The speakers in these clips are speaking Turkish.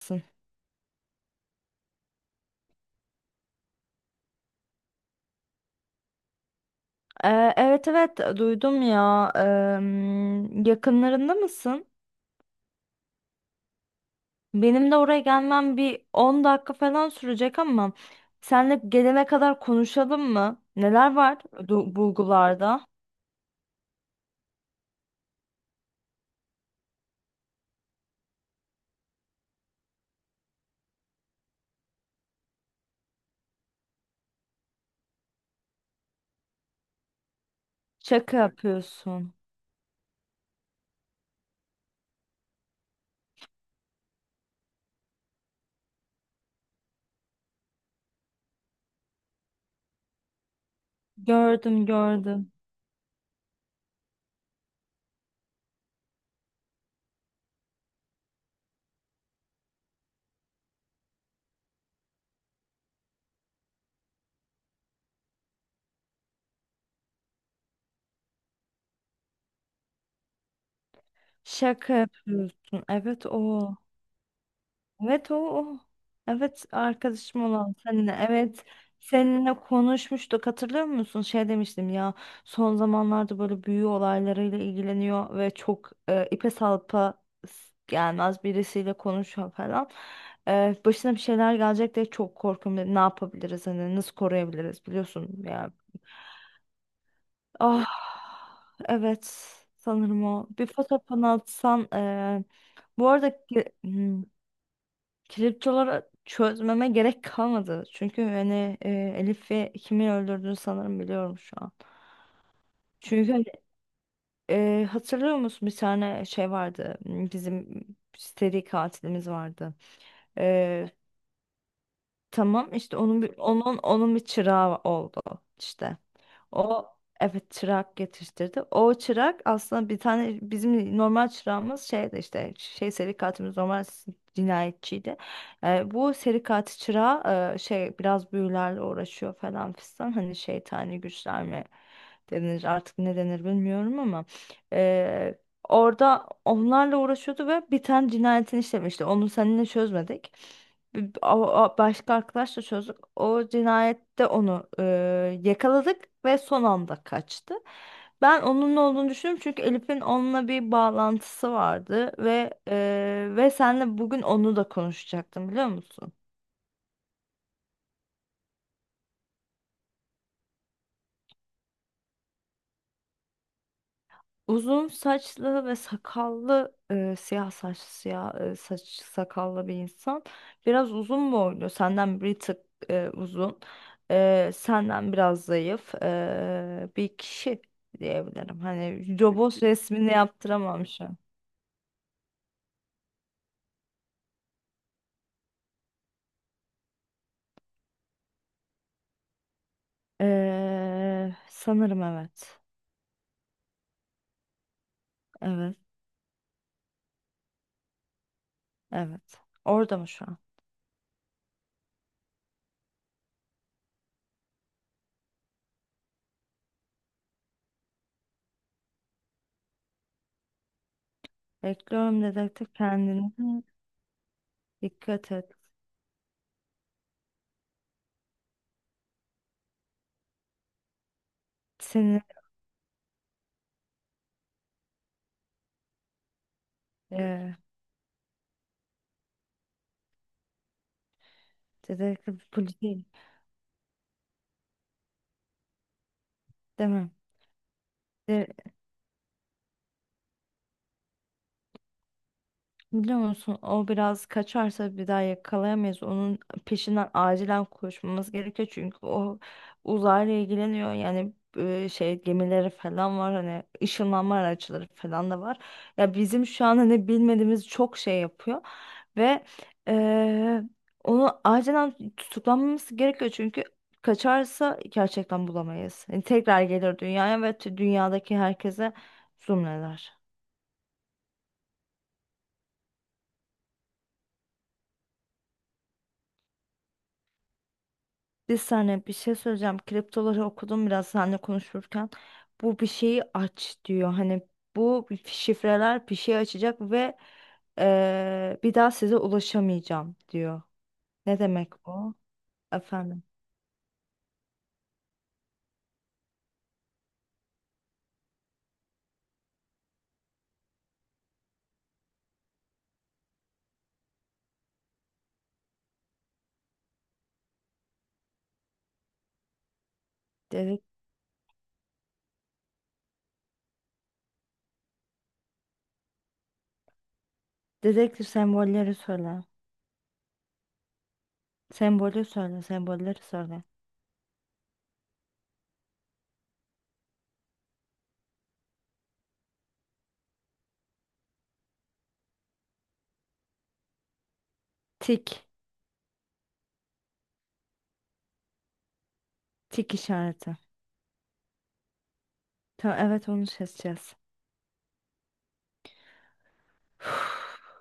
Mısın? Evet evet, duydum ya. Yakınlarında mısın? Benim de oraya gelmem bir 10 dakika falan sürecek ama senle gelene kadar konuşalım mı? Neler var, bulgularda? Şaka yapıyorsun. Gördüm gördüm. Şaka yapıyorsun. Evet, o. Evet, o. Evet, arkadaşım olan seninle. Evet, seninle konuşmuştuk, hatırlıyor musun? Şey demiştim ya, son zamanlarda böyle büyü olaylarıyla ilgileniyor ve çok, ipe salpa gelmez birisiyle konuşuyor falan. Başına bir şeyler gelecek diye çok korkuyorum dedim. Ne yapabiliriz, hani nasıl koruyabiliriz, biliyorsun ya. Ah, evet, sanırım o. Bir fotoğrafını atsan, bu arada kriptoları çözmeme gerek kalmadı. Çünkü hani, Elif ve kimi öldürdüğünü sanırım biliyorum şu an. Çünkü hani, hatırlıyor musun, bir tane şey vardı. Bizim seri katilimiz vardı. E, tamam işte onun bir çırağı oldu işte. O, evet, çırak yetiştirdi. O çırak aslında bir tane bizim normal çırağımız şeydi işte, şey, seri katilimiz normal cinayetçiydi. Bu seri katil çırağı, şey, biraz büyülerle uğraşıyor falan fistan, hani şeytani güçler mi denir artık ne denir bilmiyorum, ama e, orada onlarla uğraşıyordu ve bir tane cinayetini işlemişti. Onu seninle çözmedik. Başka arkadaşla çözdük. O cinayette onu, yakaladık ve son anda kaçtı. Ben onun ne olduğunu düşünüyorum, çünkü Elif'in onunla bir bağlantısı vardı ve ve senle bugün onu da konuşacaktım, biliyor musun? Uzun saçlı ve sakallı, siyah saç sakallı bir insan. Biraz uzun boylu, senden bir tık uzun, senden biraz zayıf, bir kişi diyebilirim. Hani robot resmini yaptıramam şu an. Sanırım evet. Evet, evet. Orada mı şu an? Bekliyorum dedektif, kendine dikkat et. Seni e, dedektif polis değil, değil mi? Biliyor musun, o biraz kaçarsa bir daha yakalayamayız. Onun peşinden acilen koşmamız gerekiyor. Çünkü o uzayla ilgileniyor. Yani, şey gemileri falan var. Hani ışınlanma araçları falan da var. Ya, bizim şu an hani bilmediğimiz çok şey yapıyor. Ve e, onu acilen tutuklanmamız gerekiyor. Çünkü kaçarsa gerçekten bulamayız. Yani tekrar gelir dünyaya ve dünyadaki herkese zulmeder. Bir saniye, bir şey söyleyeceğim. Kriptoları okudum biraz seninle konuşurken. Bu, bir şeyi aç diyor. Hani bu şifreler bir şey açacak ve bir daha size ulaşamayacağım diyor. Ne demek bu? Efendim. Dedek dedektif sembolleri söyle. Sembolü söyle, sembolleri söyle. Tik. Tik işareti. Tamam, evet, onu seçeceğiz.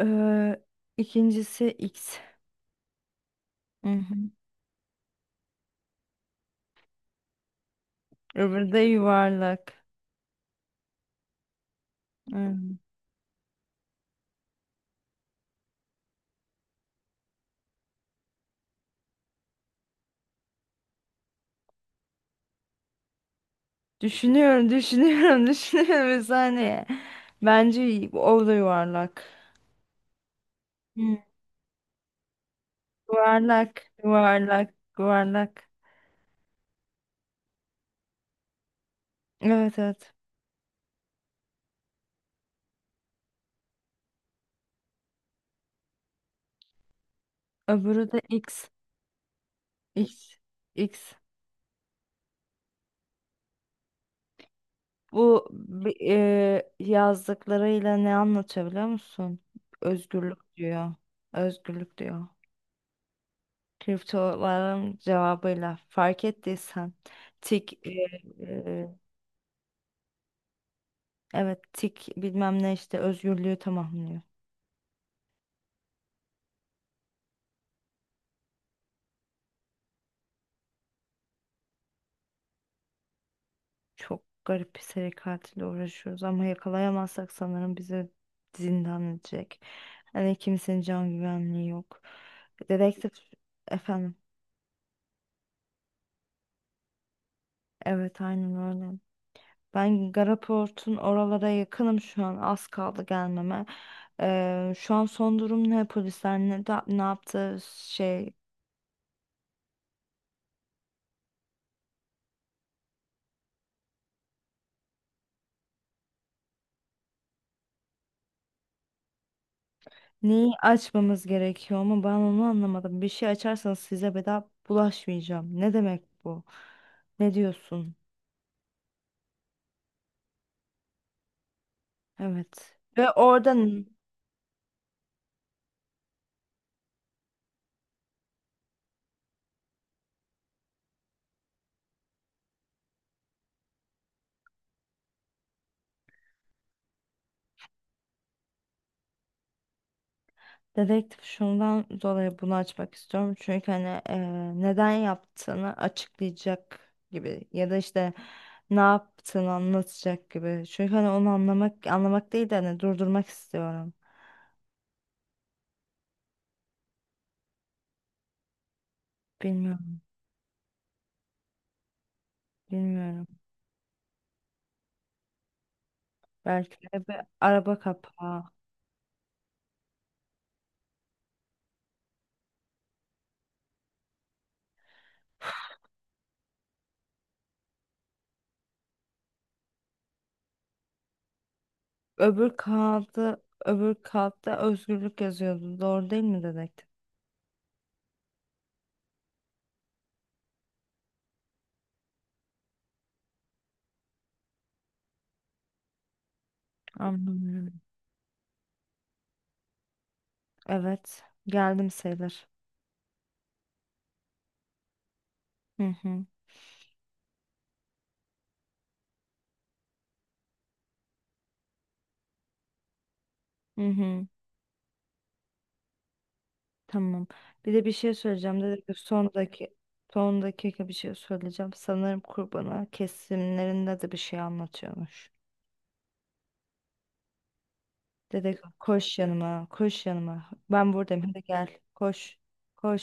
Eee ikincisi X. Hı hı. Öbürü de yuvarlak. Hı. Düşünüyorum, düşünüyorum, düşünüyorum bir saniye. Bence o da yuvarlak. Hmm. Yuvarlak, yuvarlak, yuvarlak. Evet, evet. Öbürü de X. X. X. Yazdıklarıyla ne anlatıyor, biliyor musun? Özgürlük diyor. Özgürlük diyor. Kriptoların cevabıyla fark ettiysen, tik e, e, evet, tik bilmem ne işte özgürlüğü tamamlıyor. Çok garip bir seri katille uğraşıyoruz, ama yakalayamazsak sanırım bizi zindan edecek. Hani kimsenin can güvenliği yok. Dedektif. Efendim. Evet, aynen öyle. Ben Garaport'un oralara yakınım şu an. Az kaldı gelmeme. Şu an son durum ne? Polisler ne yaptı? Şey, neyi açmamız gerekiyor, ama ben onu anlamadım. Bir şey açarsanız size bedava bulaşmayacağım. Ne demek bu? Ne diyorsun? Evet. Ve oradan, dedektif, şundan dolayı bunu açmak istiyorum. Çünkü hani neden yaptığını açıklayacak gibi, ya da işte ne yaptığını anlatacak gibi. Çünkü hani onu anlamak anlamak değil de, hani, durdurmak istiyorum. Bilmiyorum, bilmiyorum. Belki de bir araba kapağı. Öbür kağıtta özgürlük yazıyordu. Doğru değil mi dedektif? Anlamıyorum. Evet, geldim sayılır. Hı hı. Hı hı. Tamam. Bir de bir şey söyleyeceğim. Dedik ki, son dakika, son dakika bir şey söyleyeceğim. Sanırım kurbana kesimlerinde de bir şey anlatıyormuş. Dedi ki, koş yanıma, koş yanıma. Ben buradayım, hadi gel, koş.